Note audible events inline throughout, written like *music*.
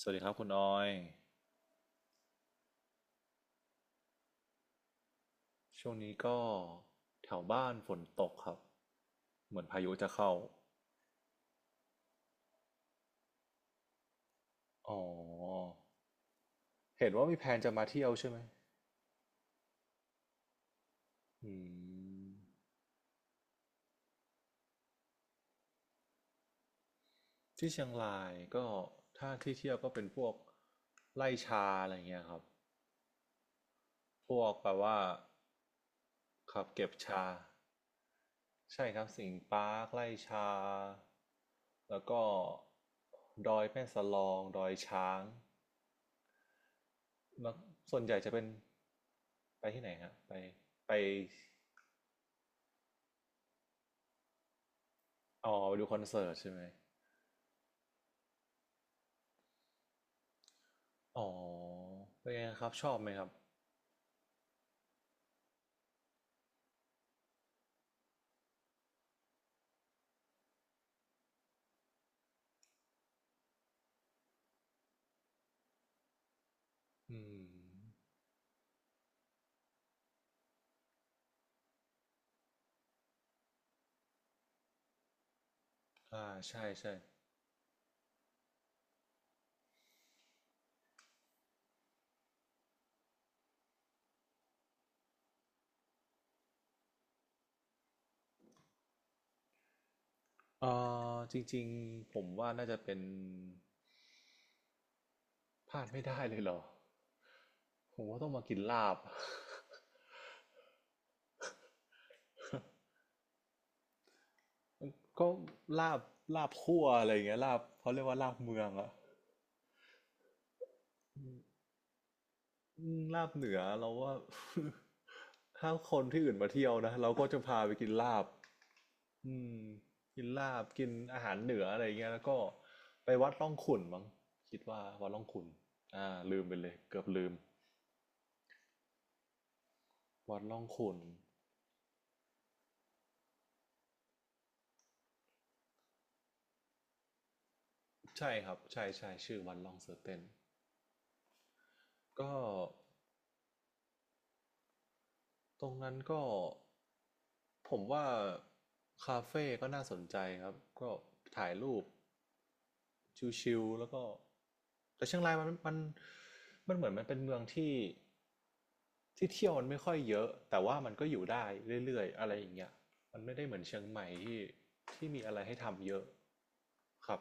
สวัสดีครับคุณออย ช่วงนี้ก็แถวบ้านฝนตกครับ เหมือนพายุจะเข้า อ๋อ เห็นว่ามีแผนจะมาเที่ยวใช่ไหมอืมที่เชียงรายก็ถ้าที่เที่ยวก็เป็นพวกไล่ชาอะไรเงี้ยครับ พวกแปลว่าขับเก็บชา ใช่ครับสิงห์ปาร์คไล่ชา แล้วก็ดอยแม่สลองดอยช้าง แล้วส่วนใหญ่จะเป็นไปที่ไหนครับไปไปอ๋อไปดูคอนเสิร์ตใช่ไหมอ๋อเป็นไงครับชอบไหมครับอืมอ่าใช่ใช่เอ่จริงๆผมว่าน่าจะเป็นพลาดไม่ได้เลยเหรอผมว่าต้องมากินลาบ *laughs* ก็ลาบลาบคั่วอะไรอย่างเงี้ยลาบเขาเรียกว่าลาบเมืองอะ อืมลาบเหนือเราว่า *laughs* ถ้าคนที่อื่นมาเที่ยวนะเราก็จะพาไปกินลาบอืมกินลาบกินอาหารเหนืออะไรเงี้ยแล้วก็ไปวัดร่องขุ่นมั้งคิดว่าวัดร่องขุ่นอ่าลืมไปเลยเกือบลืมวัดร่องขุ่นใช่ครับใช่ใช่ชื่อวัดร่องเสือเต้นก็ตรงนั้นก็ผมว่าคาเฟ่ก็น่าสนใจครับก็ถ่ายรูปชิวๆแล้วก็ แต่เชียงรายมันมันเหมือนมันเป็นเมืองที่ที่เที่ยวมันไม่ค่อยเยอะแต่ว่ามันก็อยู่ได้เรื่อยๆอะไรอย่างเงี้ยมันไม่ได้เหมือนเชียงใหม่ที่มีอะไรให้ทำเยอะครับ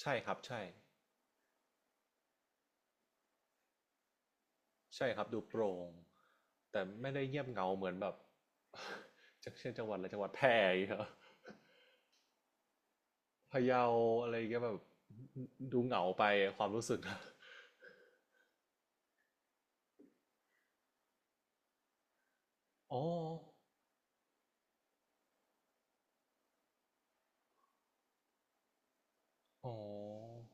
ใช่ครับใช่ใช่ครับดูโปร่งแต่ไม่ได้เงียบเหงาเหมือนแบบ *laughs* จากเช่นจังหวัดอะไรจังหวัดแพร่อย่างเงี้ยพะเยาอะไรอย่างเงี้ยแบบดูเหงาไปความรู้สึกนะอ๋ออ๋อ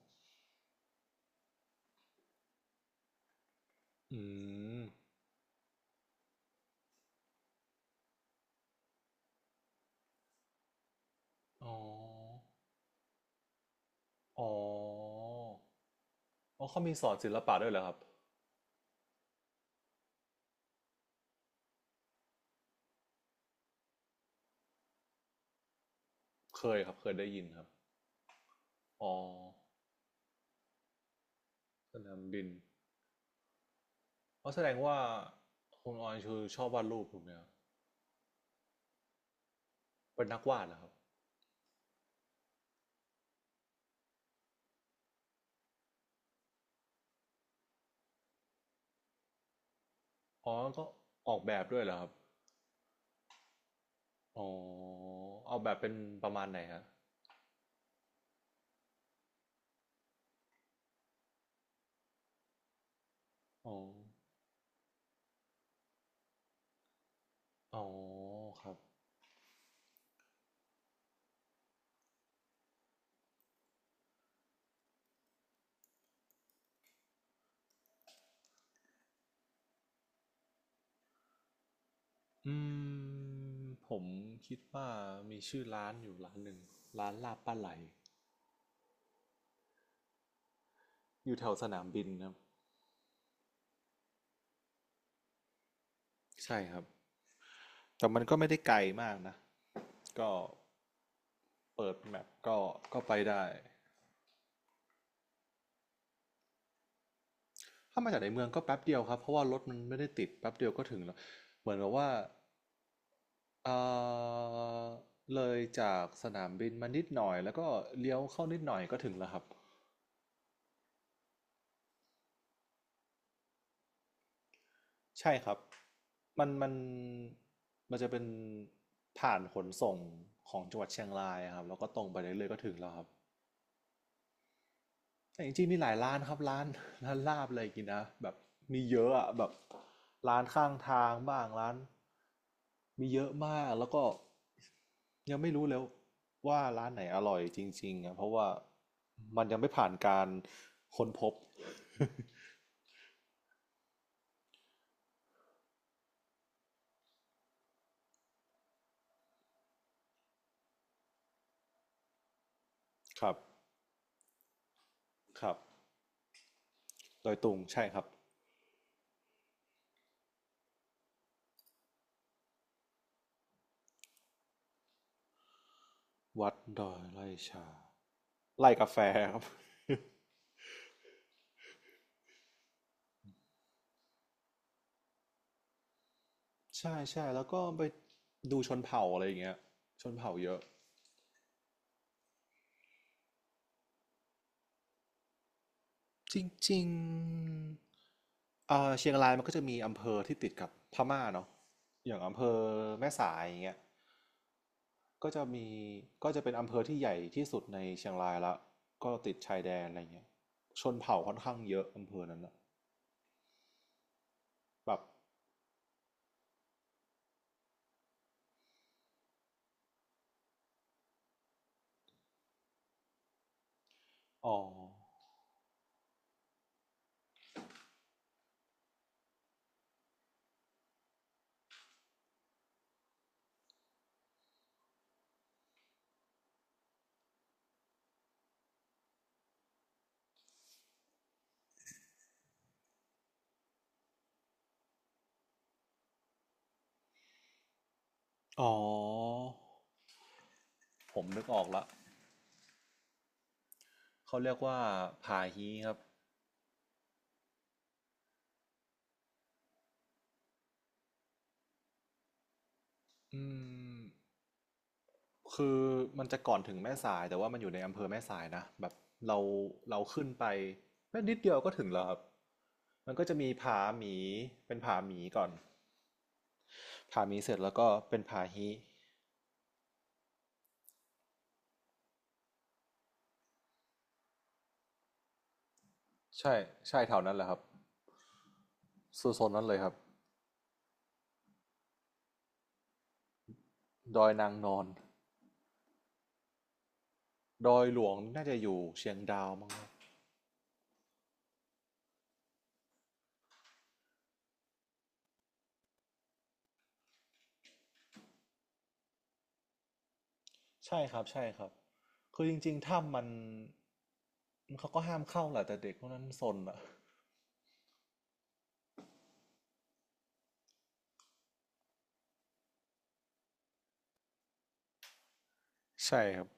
อืมอ๋ออ๋อ อ๋อเขามีสอนศิลปะด้วยเหรอครับเคยครับเคยได้ยินครับอ๋อสนามบินอาะแสดงว่าคุณออยคือชอบวาดรูปถูกไหมครับเป็นนักวาดเหรอครับอ๋อก็ออกแบบด้วยเหรอครับอ๋อเอาแบบเป็นประมาณไหนฮะอ๋ออ๋อครับอืมผมคิดว่ามีชื่อร้านอยู่ร้านหนึ่งร้านลาบปลาไหลอยู่แถวสนามบินครับใช่ครับ แต่มันก็ไม่ได้ไกลมากนะ ก็เปิดแมปก็ก็ไปได้ ถ้ามาจากในเมืองก็แป๊บเดียวครับเพราะว่ารถมันไม่ได้ติดแป๊บเดียวก็ถึงแล้วเหมือนกับว่าเอ่อเลยจากสนามบินมานิดหน่อยแล้วก็เลี้ยวเข้านิดหน่อยก็ถึงแล้วครับใช่ครับมันมันจะเป็นผ่านขนส่งของจังหวัดเชียงรายครับแล้วก็ตรงไปเรื่อยๆก็ถึงแล้วครับ แต่จริงๆมีหลายร้านครับร้าน *laughs* ร้านลาบอะไรกินนะแบบมีเยอะอะแบบร้านข้างทางบ้างร้านมีเยอะมากแล้วก็ยังไม่รู้แล้วว่าร้านไหนอร่อยจริงๆอะเพราะว่ามันยังไม่ผ่านการค้นพบ *laughs* ครับครับดอยตุงใช่ครับวัดดอยไร่ชาไร่กาแฟครับ *laughs* ใช่ใช่แล้วก็ไปดูชนเผ่าอะไรอย่างเงี้ยชนเผ่าเยอะ จริงๆเชียงรายมันก็จะมีอำเภอที่ติดกับพม่าเนาะอย่างอำเภอแม่สายอย่างเงี้ยก็จะมีก็จะเป็นอำเภอที่ใหญ่ที่สุดในเชียงรายละก็ติดชายแดนอะไรเงี้ยชนเผ่าค่อนข้างเยอะอำเภอนั้นอะแบบอ๋ออ๋อผมนึกออกละเขาเรียกว่าผาฮีครับอืม คือมันจะก่อนถึงแม่สายแต่ว่ามันอยู่ในอำเภอแม่สายนะแบบเราเราขึ้นไปแป๊บนิดเดียวก็ถึงแล้วครับมันก็จะมีผาหมีเป็นผาหมีก่อนผาหมีเสร็จแล้วก็เป็นผาฮีใช่ใช่แถวนั้นแหละครับโซนนั้นเลยครับดอยนางนอนดอยหลวงน่าจะอยู่เชียงดาวมั้งครับใช่ครับใช่ครับคือจริงๆถ้ำมันเขาก็ห้ามเข้าแหละแต่เด็กพวกนั้นซนอะใช่ครับ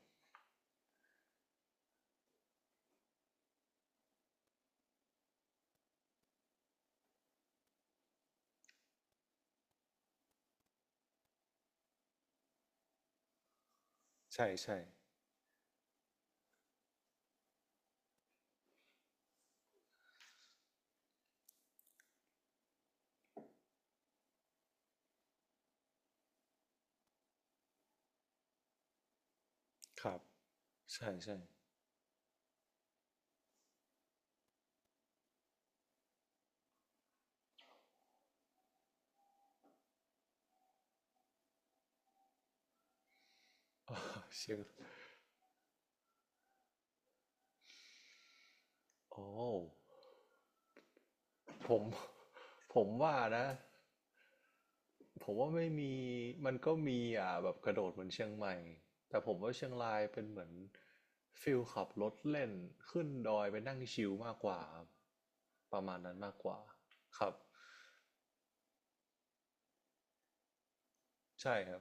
ใช่ใช่ครับใช่ใช่ *laughs* เออเชียง โอ้ผม *laughs* ผมว่านะผมว่าไม่มีมันก็มีอ่ะแบบกระโดดเหมือนเชียงใหม่แต่ผมว่าเชียงรายเป็นเหมือนฟิลขับรถเล่นขึ้นดอยไปนั่งชิลมากกว่าครับประมาณนั้นมากกว่าครับใช่ครับ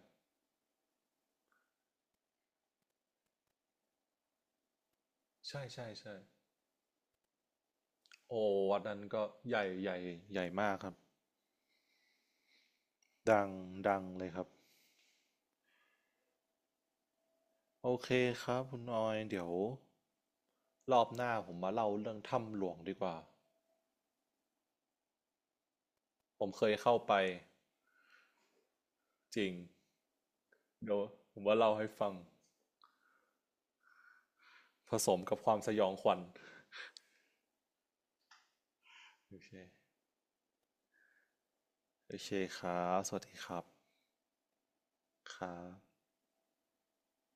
ใช่ใช่ใช่โอ้วัดนั้นก็ใหญ่ใหญ่มากครับดังดังเลยครับโอเคครับคุณออยเดี๋ยวรอบหน้าผมมาเล่าเรื่องถ้ำหลวงดีกว่าผมเคยเข้าไปจริง เดี๋ยวผมว่าเล่าให้ฟังผสมกับความสยองขวัญโอเคโอเคครับสวัสดีครับครับ